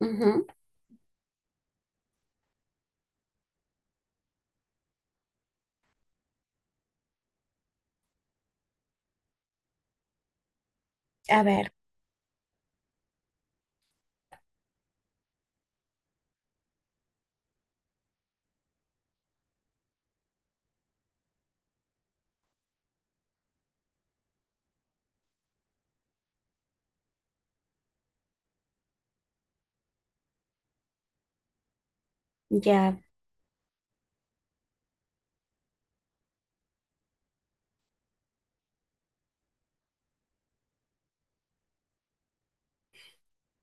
Ujú. A ver, ya.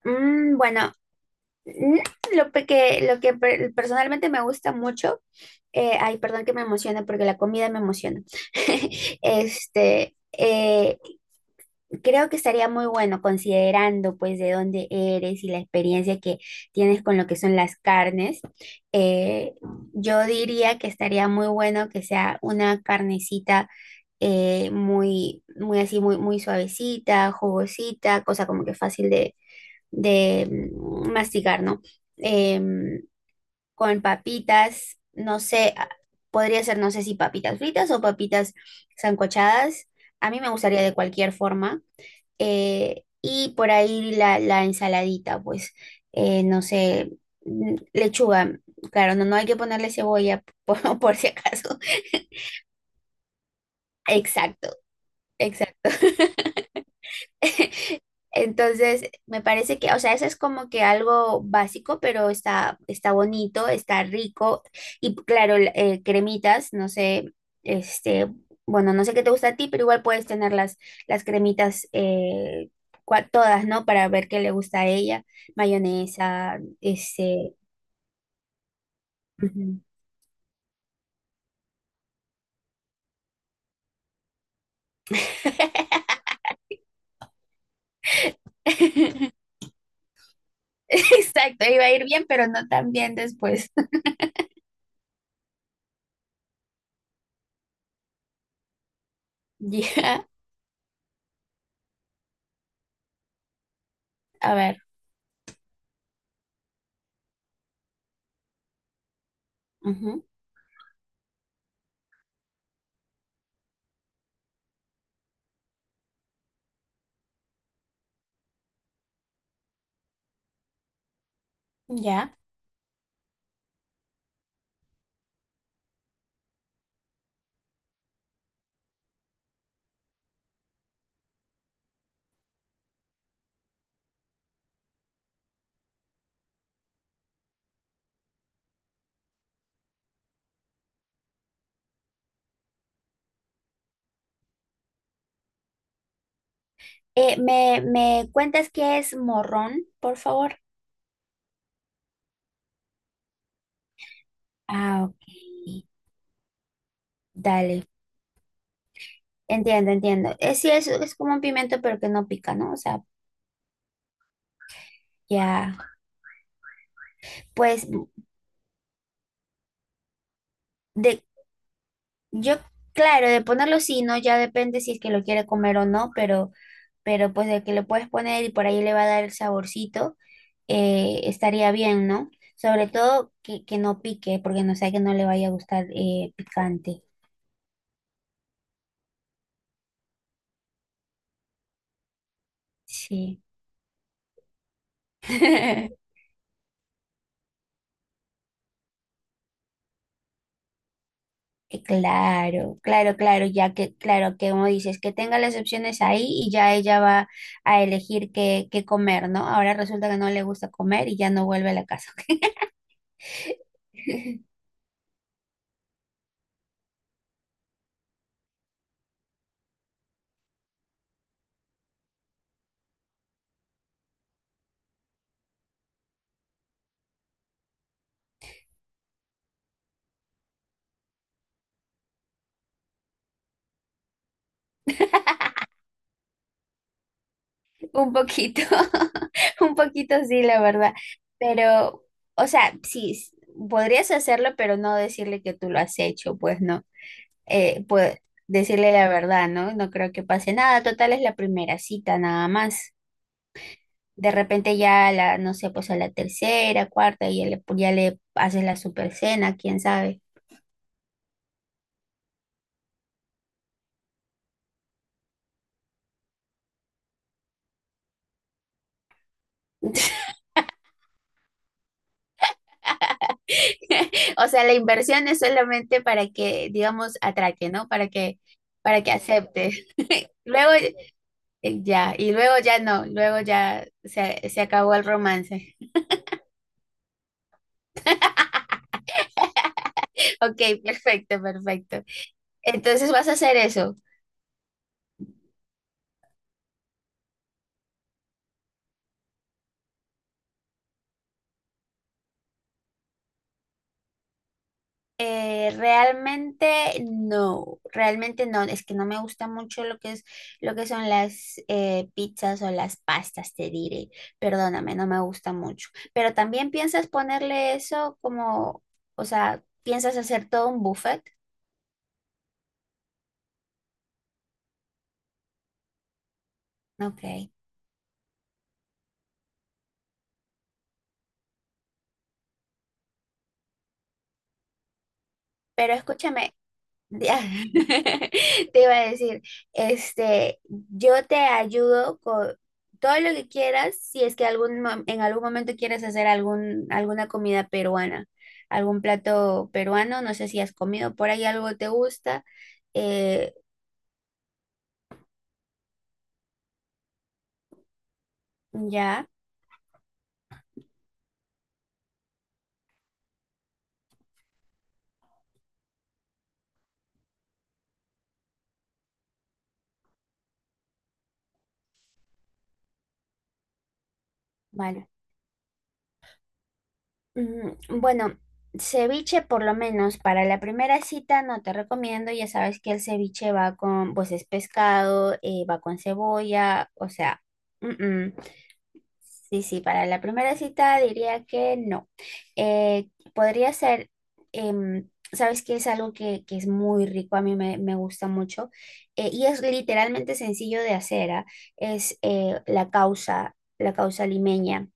Bueno, mm, lo que personalmente me gusta mucho, ay, perdón que me emocione porque la comida me emociona. Este, eh, Creo que estaría muy bueno considerando pues de dónde eres y la experiencia que tienes con lo que son las carnes. Eh, yo diría que estaría muy bueno que sea una carnecita muy, muy así, muy, muy suavecita, jugosita, cosa como que fácil de masticar, ¿no? Em, con papitas, no sé, podría ser, no sé si papitas fritas o papitas sancochadas. A mí me gustaría de cualquier forma. Y por ahí la ensaladita, pues, no sé, lechuga. Claro, no, no hay que ponerle cebolla por, por si acaso. Exacto, exacto. Entonces, me parece que, o sea, eso es como que algo básico, pero está, está bonito, está rico. Y claro, cremitas, no sé, este, bueno, no sé qué te gusta a ti, pero igual puedes tener las cremitas todas, ¿no? Para ver qué le gusta a ella. Mayonesa, este. Ujú. Exacto, iba a ir bien, pero no tan bien después. Ya, a ver. Ujú, ya. Me cuentas qué es morrón, por favor? Ah, ok. Dale. Entiendo, entiendo. Sí, es como un pimiento, pero que no pica, ¿no? O sea, ya. Pues de, yo, claro, de ponerlo sí, ¿no? Ya depende si es que lo quiere comer o no, pero pues de que le puedes poner y por ahí le va a dar el saborcito, estaría bien, ¿no? Sobre todo que no pique, porque no sea que no le vaya a gustar picante. Sí. Claro, claro, claro, ya que, claro, que como dices, que tenga las opciones ahí y ya ella va a elegir qué, qué comer, ¿no? Ahora resulta que no le gusta comer y ya no vuelve a la casa. Un poquito, un poquito sí, la verdad. Pero, o sea, sí, podrías hacerlo, pero no decirle que tú lo has hecho, pues no. Pues decirle la verdad, ¿no? No creo que pase nada. Total, es la primera cita, nada más. De repente ya la, no sé, pues a la tercera, cuarta, ya le haces la super cena, quién sabe. O sea, la inversión es solamente para que, digamos, atraque, ¿no? Para que acepte. Luego ya, y luego ya no, luego ya se acabó el romance. Ok, perfecto, perfecto. Entonces vas a hacer eso. Realmente no, es que no me gusta mucho lo que es lo que son las pizzas o las pastas, te diré. Perdóname, no me gusta mucho. Pero también piensas ponerle eso como, o sea, piensas hacer todo un buffet. Ok. Pero escúchame, ya, te iba a decir, yo te ayudo con todo lo que quieras, si es que algún, en algún momento quieres hacer algún, alguna comida peruana, algún plato peruano, no sé si has comido por ahí algo te gusta, eh, ya, vale. Mm, bueno, ceviche por lo menos para la primera cita no te recomiendo, ya sabes que el ceviche va con, pues es pescado, va con cebolla, o sea... Mm, mm. Sí, sí, para la primera cita diría que no. Podría ser, sabes que es algo que es muy rico, a mí me, me gusta mucho, y es literalmente sencillo de hacer, ¿ah? Es la causa limeña.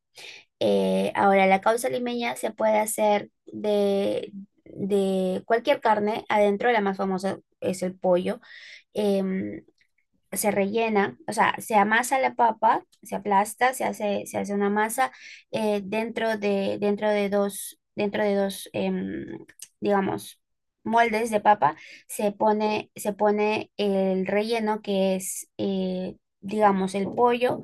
Ahora, la causa limeña se puede hacer de cualquier carne, adentro la más famosa es el pollo, em, se rellena, o sea, se amasa la papa, se aplasta, se hace una masa dentro de, dentro de dos, digamos, moldes de papa, se pone el relleno que es, digamos, el pollo,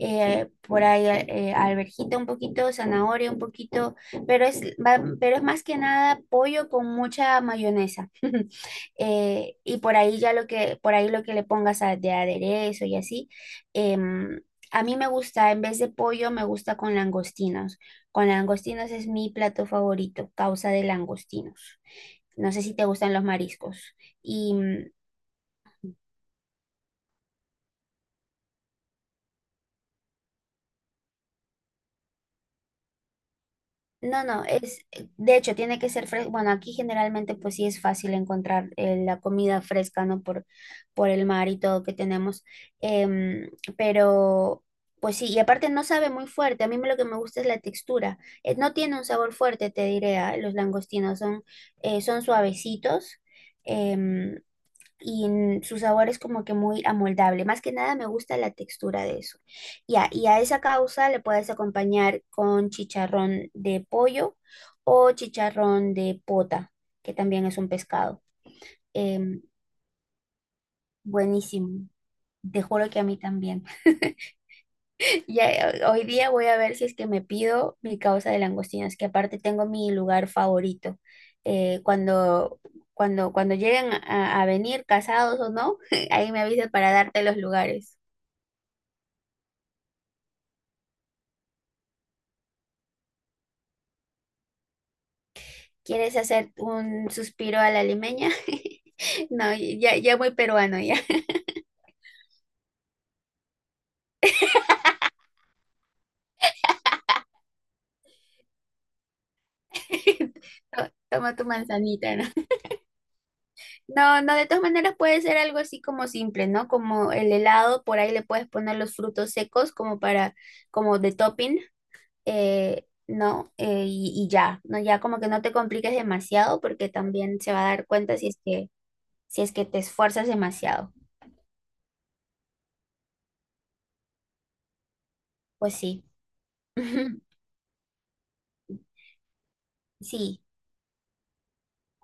por ahí alverjita un poquito, zanahoria un poquito, pero pero es más que nada pollo con mucha mayonesa. Y por ahí ya lo que, por ahí lo que le pongas de aderezo y así. em, a mí me gusta, en vez de pollo, me gusta con langostinos. Con langostinos es mi plato favorito, causa de langostinos. No sé si te gustan los mariscos. Y no, no, de hecho, tiene que ser fresco. Bueno, aquí generalmente pues sí es fácil encontrar la comida fresca, ¿no? Por el mar y todo que tenemos. Em, pero pues sí, y aparte no sabe muy fuerte. A lo que me gusta es la textura. No tiene un sabor fuerte, te diré, ah, los langostinos son, son suavecitos. em, y su sabor es como que muy amoldable. Más que nada me gusta la textura de eso. Ya, y a esa causa le puedes acompañar con chicharrón de pollo o chicharrón de pota, que también es un pescado. Em, buenísimo. Te juro que a mí también. Ya, hoy día voy a ver si es que me pido mi causa de langostinos, que aparte tengo mi lugar favorito. Eh, cuando, cuando lleguen a venir casados o no, ahí me avisa para darte los lugares. ¿Quieres hacer un suspiro a la limeña? No, ya, ya muy peruano, ya. Toma tu manzanita, ¿no? No, no, de todas maneras puede ser algo así como simple, ¿no? Como el helado, por ahí le puedes poner los frutos secos como para, como de topping, ¿no? Y ya, ¿no? Ya como que no te compliques demasiado porque también se va a dar cuenta si es que, si es que te esfuerzas demasiado. Pues sí. Sí,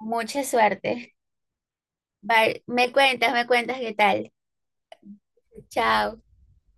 mucha suerte. Vale, me cuentas qué tal. Chao.